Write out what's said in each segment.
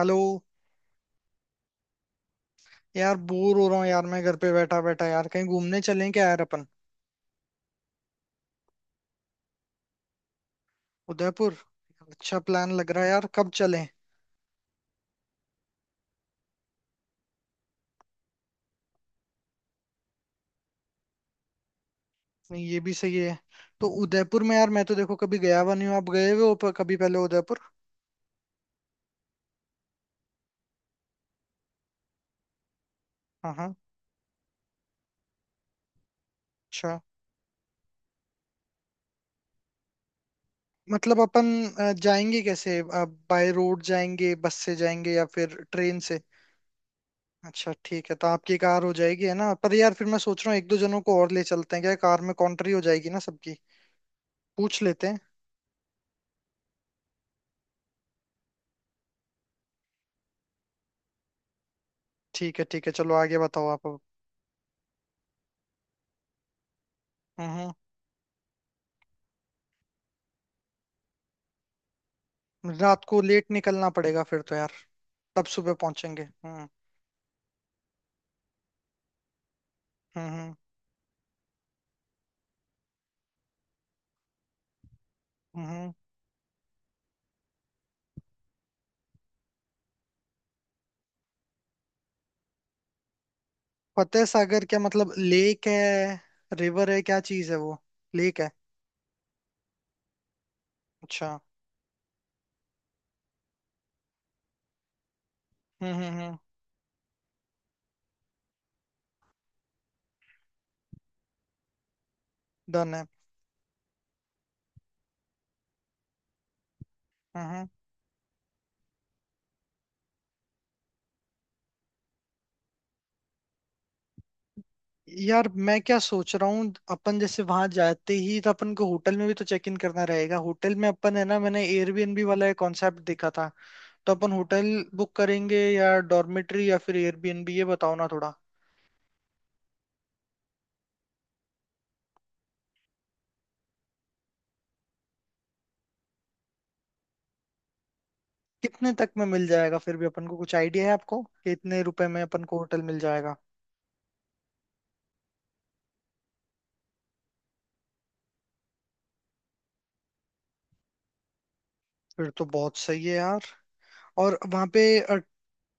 Hello. यार, bore हो रहा हूँ यार, मैं घर पे बैठा बैठा, यार कहीं घूमने चलें क्या यार अपन। उदयपुर? अच्छा प्लान लग रहा है यार, कब चलें? नहीं, ये भी सही है। तो उदयपुर में यार मैं तो देखो कभी गया हुआ नहीं हूँ, आप गए हुए हो कभी पहले उदयपुर? हाँ हाँ। अच्छा। मतलब अपन जाएंगे कैसे? बाय रोड जाएंगे, बस से जाएंगे या फिर ट्रेन से? अच्छा ठीक है, तो आपकी कार हो जाएगी है ना। पर यार फिर मैं सोच रहा हूँ, एक दो जनों को और ले चलते हैं क्या, कार में कॉन्ट्री हो जाएगी ना सबकी। पूछ लेते हैं। ठीक है ठीक है, चलो आगे बताओ आप अब। हम्म, हम्म। रात को लेट निकलना पड़ेगा फिर तो यार। तब सुबह पहुंचेंगे। हम्म हम्म। हम्म। फतेह सागर क्या मतलब, लेक है, रिवर है, क्या चीज है वो? लेक है। अच्छा। हम्म। डन है। हम्म हम्म। यार मैं क्या सोच रहा हूँ, अपन जैसे वहां जाते ही तो अपन को होटल में भी तो चेक इन करना रहेगा। होटल में अपन, है ना, मैंने एयरबीएनबी वाला एक कॉन्सेप्ट देखा था। तो अपन होटल बुक करेंगे या डॉर्मेट्री या फिर एयरबीएनबी, ये बताओ ना थोड़ा। कितने तक में मिल जाएगा फिर भी अपन को, कुछ आइडिया है आपको कि इतने रुपए में अपन को होटल मिल जाएगा? फिर तो बहुत सही है यार। और वहां पे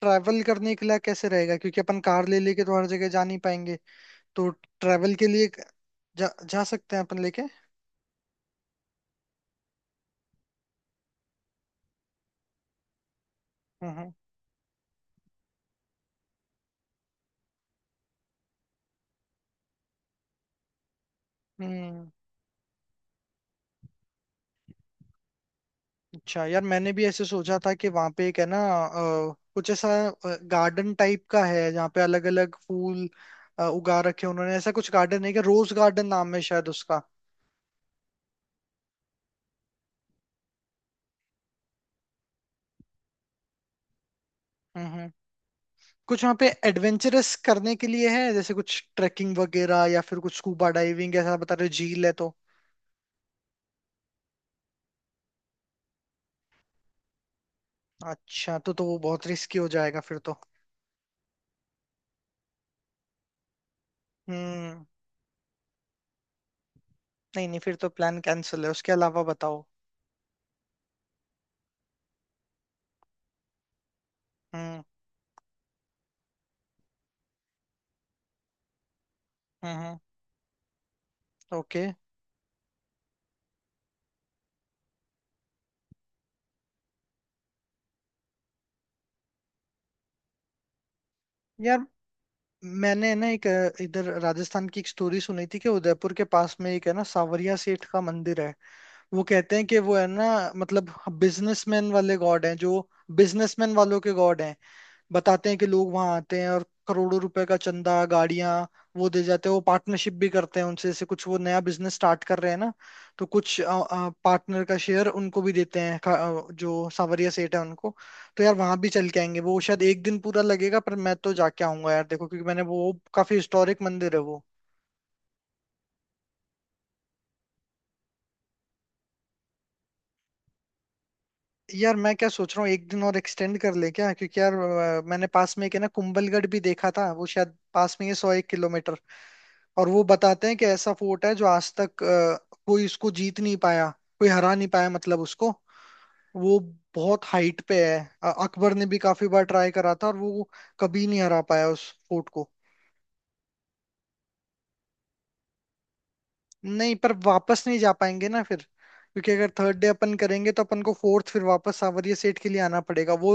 ट्रैवल करने के लिए कैसे रहेगा? क्योंकि अपन कार ले लेके तो हर जगह जा नहीं पाएंगे। तो ट्रैवल के लिए जा सकते हैं अपन लेके? हम्म। हम्म, अच्छा यार, मैंने भी ऐसे सोचा था कि वहां पे एक है ना, कुछ ऐसा गार्डन टाइप का है जहाँ पे अलग अलग फूल उगा रखे हैं उन्होंने। ऐसा कुछ गार्डन है कि रोज गार्डन नाम है शायद उसका। हम्म। कुछ वहाँ पे एडवेंचरस करने के लिए है जैसे कुछ ट्रैकिंग वगैरह या फिर कुछ स्कूबा डाइविंग, ऐसा बता रहे हो, झील है तो। अच्छा, तो वो बहुत रिस्की हो जाएगा फिर तो। हम्म। नहीं नहीं, फिर तो प्लान कैंसिल है। उसके अलावा बताओ। हम्म हम्म। ओके। यार मैंने ना एक इधर राजस्थान की एक स्टोरी सुनी थी कि उदयपुर के पास में एक है ना सांवरिया सेठ का मंदिर है। वो कहते हैं कि वो है ना, मतलब बिजनेसमैन वाले गॉड हैं जो। बिजनेसमैन वालों के गॉड हैं। बताते हैं कि लोग वहां आते हैं और करोड़ों रुपए का चंदा, गाड़ियां वो दे जाते हैं। वो पार्टनरशिप भी करते हैं उनसे, जैसे कुछ वो नया बिजनेस स्टार्ट कर रहे हैं ना, तो कुछ पार्टनर का शेयर उनको भी देते हैं, जो सांवरिया सेठ है उनको। तो यार वहां भी चल के आएंगे। वो शायद एक दिन पूरा लगेगा, पर मैं तो जाके आऊंगा यार देखो, क्योंकि मैंने वो काफी हिस्टोरिक मंदिर है वो। यार मैं क्या सोच रहा हूँ, एक दिन और एक्सटेंड कर ले क्या, क्योंकि यार मैंने पास में एक है ना कुंभलगढ़ भी देखा था। वो शायद पास में ही 100 एक किलोमीटर। और वो बताते हैं कि ऐसा फोर्ट है जो आज तक कोई उसको जीत नहीं पाया, कोई हरा नहीं पाया मतलब उसको। वो बहुत हाइट पे है। अकबर ने भी काफी बार ट्राई करा था और वो कभी नहीं हरा पाया उस फोर्ट को। नहीं, पर वापस नहीं जा पाएंगे ना फिर, क्योंकि अगर थर्ड डे अपन करेंगे तो अपन को फोर्थ फिर वापस सावरिया सेठ के लिए आना पड़ेगा। वो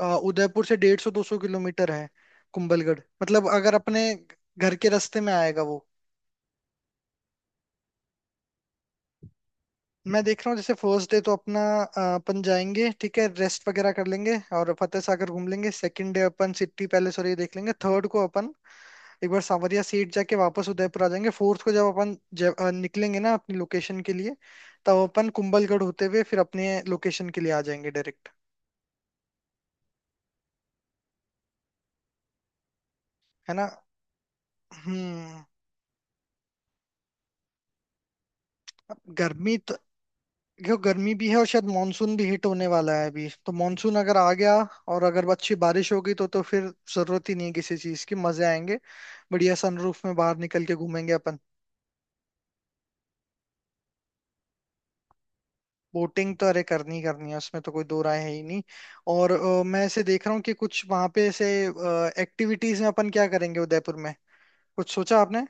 उदयपुर से 150 दो सौ किलोमीटर है कुंभलगढ़, मतलब अगर अपने घर के रास्ते में आएगा वो। मैं देख रहा हूँ, जैसे फर्स्ट डे तो अपना अपन जाएंगे, ठीक है, रेस्ट वगैरह कर लेंगे और फतेह सागर घूम लेंगे। सेकंड डे अपन सिटी पैलेस और ये देख लेंगे। थर्ड को अपन एक बार सांवरिया सीट जाके वापस उदयपुर आ जाएंगे। फोर्थ को जब अपन निकलेंगे ना अपनी लोकेशन के लिए, तब अपन कुंभलगढ़ होते हुए फिर अपने लोकेशन के लिए आ जाएंगे डायरेक्ट। है ना? हम्म। अब गर्मी तो क्यों, गर्मी भी है और शायद मानसून भी हिट होने वाला है अभी। तो मानसून अगर आ गया और अगर अच्छी बारिश हो गई तो फिर जरूरत ही नहीं है किसी चीज की, मजे आएंगे। बढ़िया सनरूफ में बाहर निकल के घूमेंगे अपन। बोटिंग तो अरे करनी ही करनी है, उसमें तो कोई दो राय है ही नहीं। और मैं ऐसे देख रहा हूँ कि कुछ वहां पे ऐसे एक्टिविटीज में अपन क्या करेंगे उदयपुर में, कुछ सोचा आपने?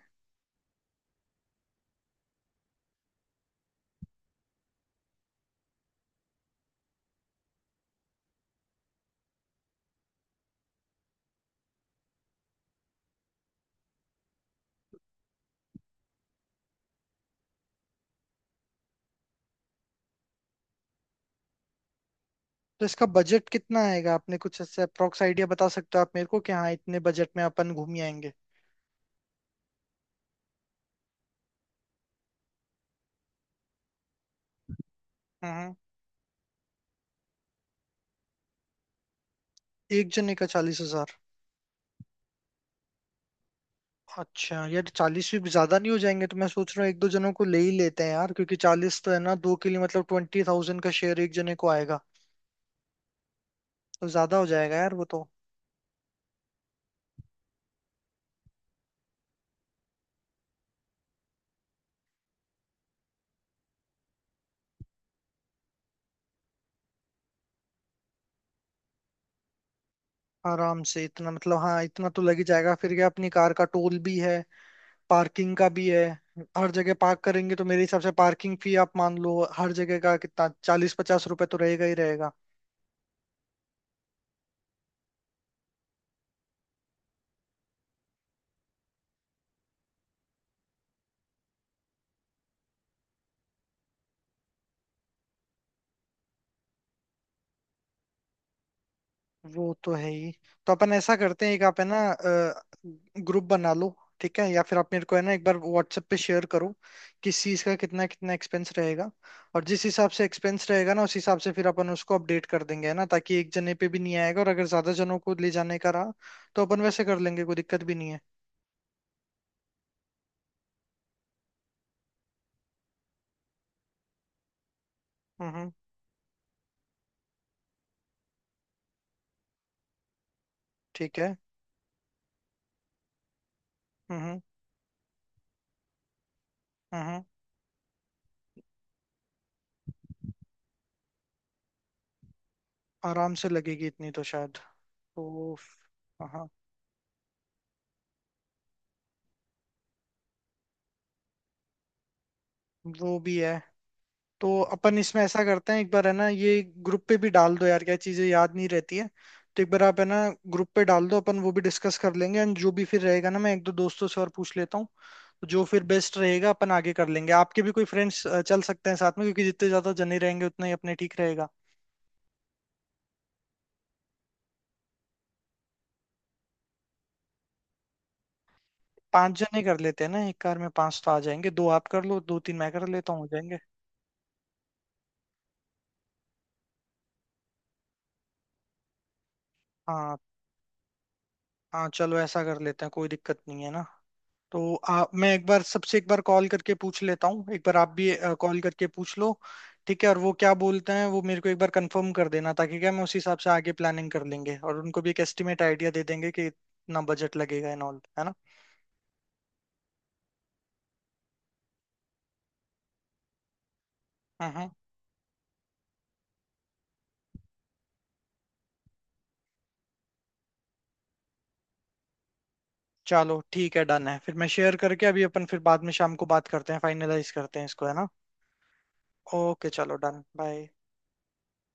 तो इसका बजट कितना आएगा, आपने कुछ ऐसे अप्रोक्स आइडिया बता सकते हो आप मेरे को, कि हाँ इतने बजट में अपन घूम ही आएंगे? हम्म। एक जने का 40,000? अच्छा यार, 40 भी ज्यादा नहीं हो जाएंगे? तो मैं सोच रहा हूँ एक दो जनों को ले ही लेते हैं यार, क्योंकि 40 तो है ना दो के लिए, मतलब 20,000 का शेयर एक जने को आएगा, तो ज्यादा हो जाएगा यार वो तो। आराम से इतना मतलब, हाँ इतना तो लग ही जाएगा, फिर क्या अपनी कार का टोल भी है, पार्किंग का भी है। हर जगह पार्क करेंगे तो मेरे हिसाब से पार्किंग फी आप मान लो हर जगह का, कितना, 40-50 रुपए तो रहेगा ही रहेगा। वो तो है ही। तो अपन ऐसा करते हैं, एक आप है ना ग्रुप बना लो, ठीक है, या फिर आप मेरे को है ना एक बार व्हाट्सएप पे शेयर करो किस चीज का कितना कितना एक्सपेंस रहेगा। और जिस हिसाब से एक्सपेंस रहेगा ना, उस हिसाब से फिर अपन उसको अपडेट कर देंगे, है ना, ताकि एक जने पे भी नहीं आएगा। और अगर ज्यादा जनों को ले जाने का रहा, तो अपन वैसे कर लेंगे, कोई दिक्कत भी नहीं है। हम्म। ठीक है। हम्म हम्म। हम्म। आराम से लगेगी इतनी तो शायद। तो हाँ, वो भी है। तो अपन इसमें ऐसा करते हैं, एक बार है ना ये ग्रुप पे भी डाल दो यार, क्या चीजें याद नहीं रहती है। तो एक बार आप है ना ग्रुप पे डाल दो, अपन वो भी डिस्कस कर लेंगे एंड जो भी फिर रहेगा ना, मैं एक दो दोस्तों से और पूछ लेता हूँ। तो जो फिर बेस्ट रहेगा अपन आगे कर लेंगे। आपके भी कोई फ्रेंड्स चल सकते हैं साथ में, क्योंकि जितने ज्यादा जने रहेंगे उतना ही अपने ठीक रहेगा। पांच जने कर लेते हैं ना, एक कार में पांच तो आ जाएंगे, दो आप कर लो, दो तीन मैं कर लेता हूँ, हो जाएंगे। हाँ हाँ, चलो ऐसा कर लेते हैं, कोई दिक्कत नहीं है ना। तो आप, मैं एक बार सबसे एक बार कॉल करके पूछ लेता हूँ, एक बार आप भी कॉल करके पूछ लो। ठीक है, और वो क्या बोलते हैं वो मेरे को एक बार कंफर्म कर देना, ताकि क्या मैं उस हिसाब से आगे प्लानिंग कर लेंगे और उनको भी एक एस्टिमेट आइडिया दे देंगे कि इतना बजट लगेगा एंड ऑल, है ना। हम्म हम्म। चलो ठीक है डन है, फिर मैं शेयर करके अभी, अपन फिर बाद में शाम को बात करते हैं, फाइनलाइज करते हैं इसको, है ना। ओके, चलो डन, बाय।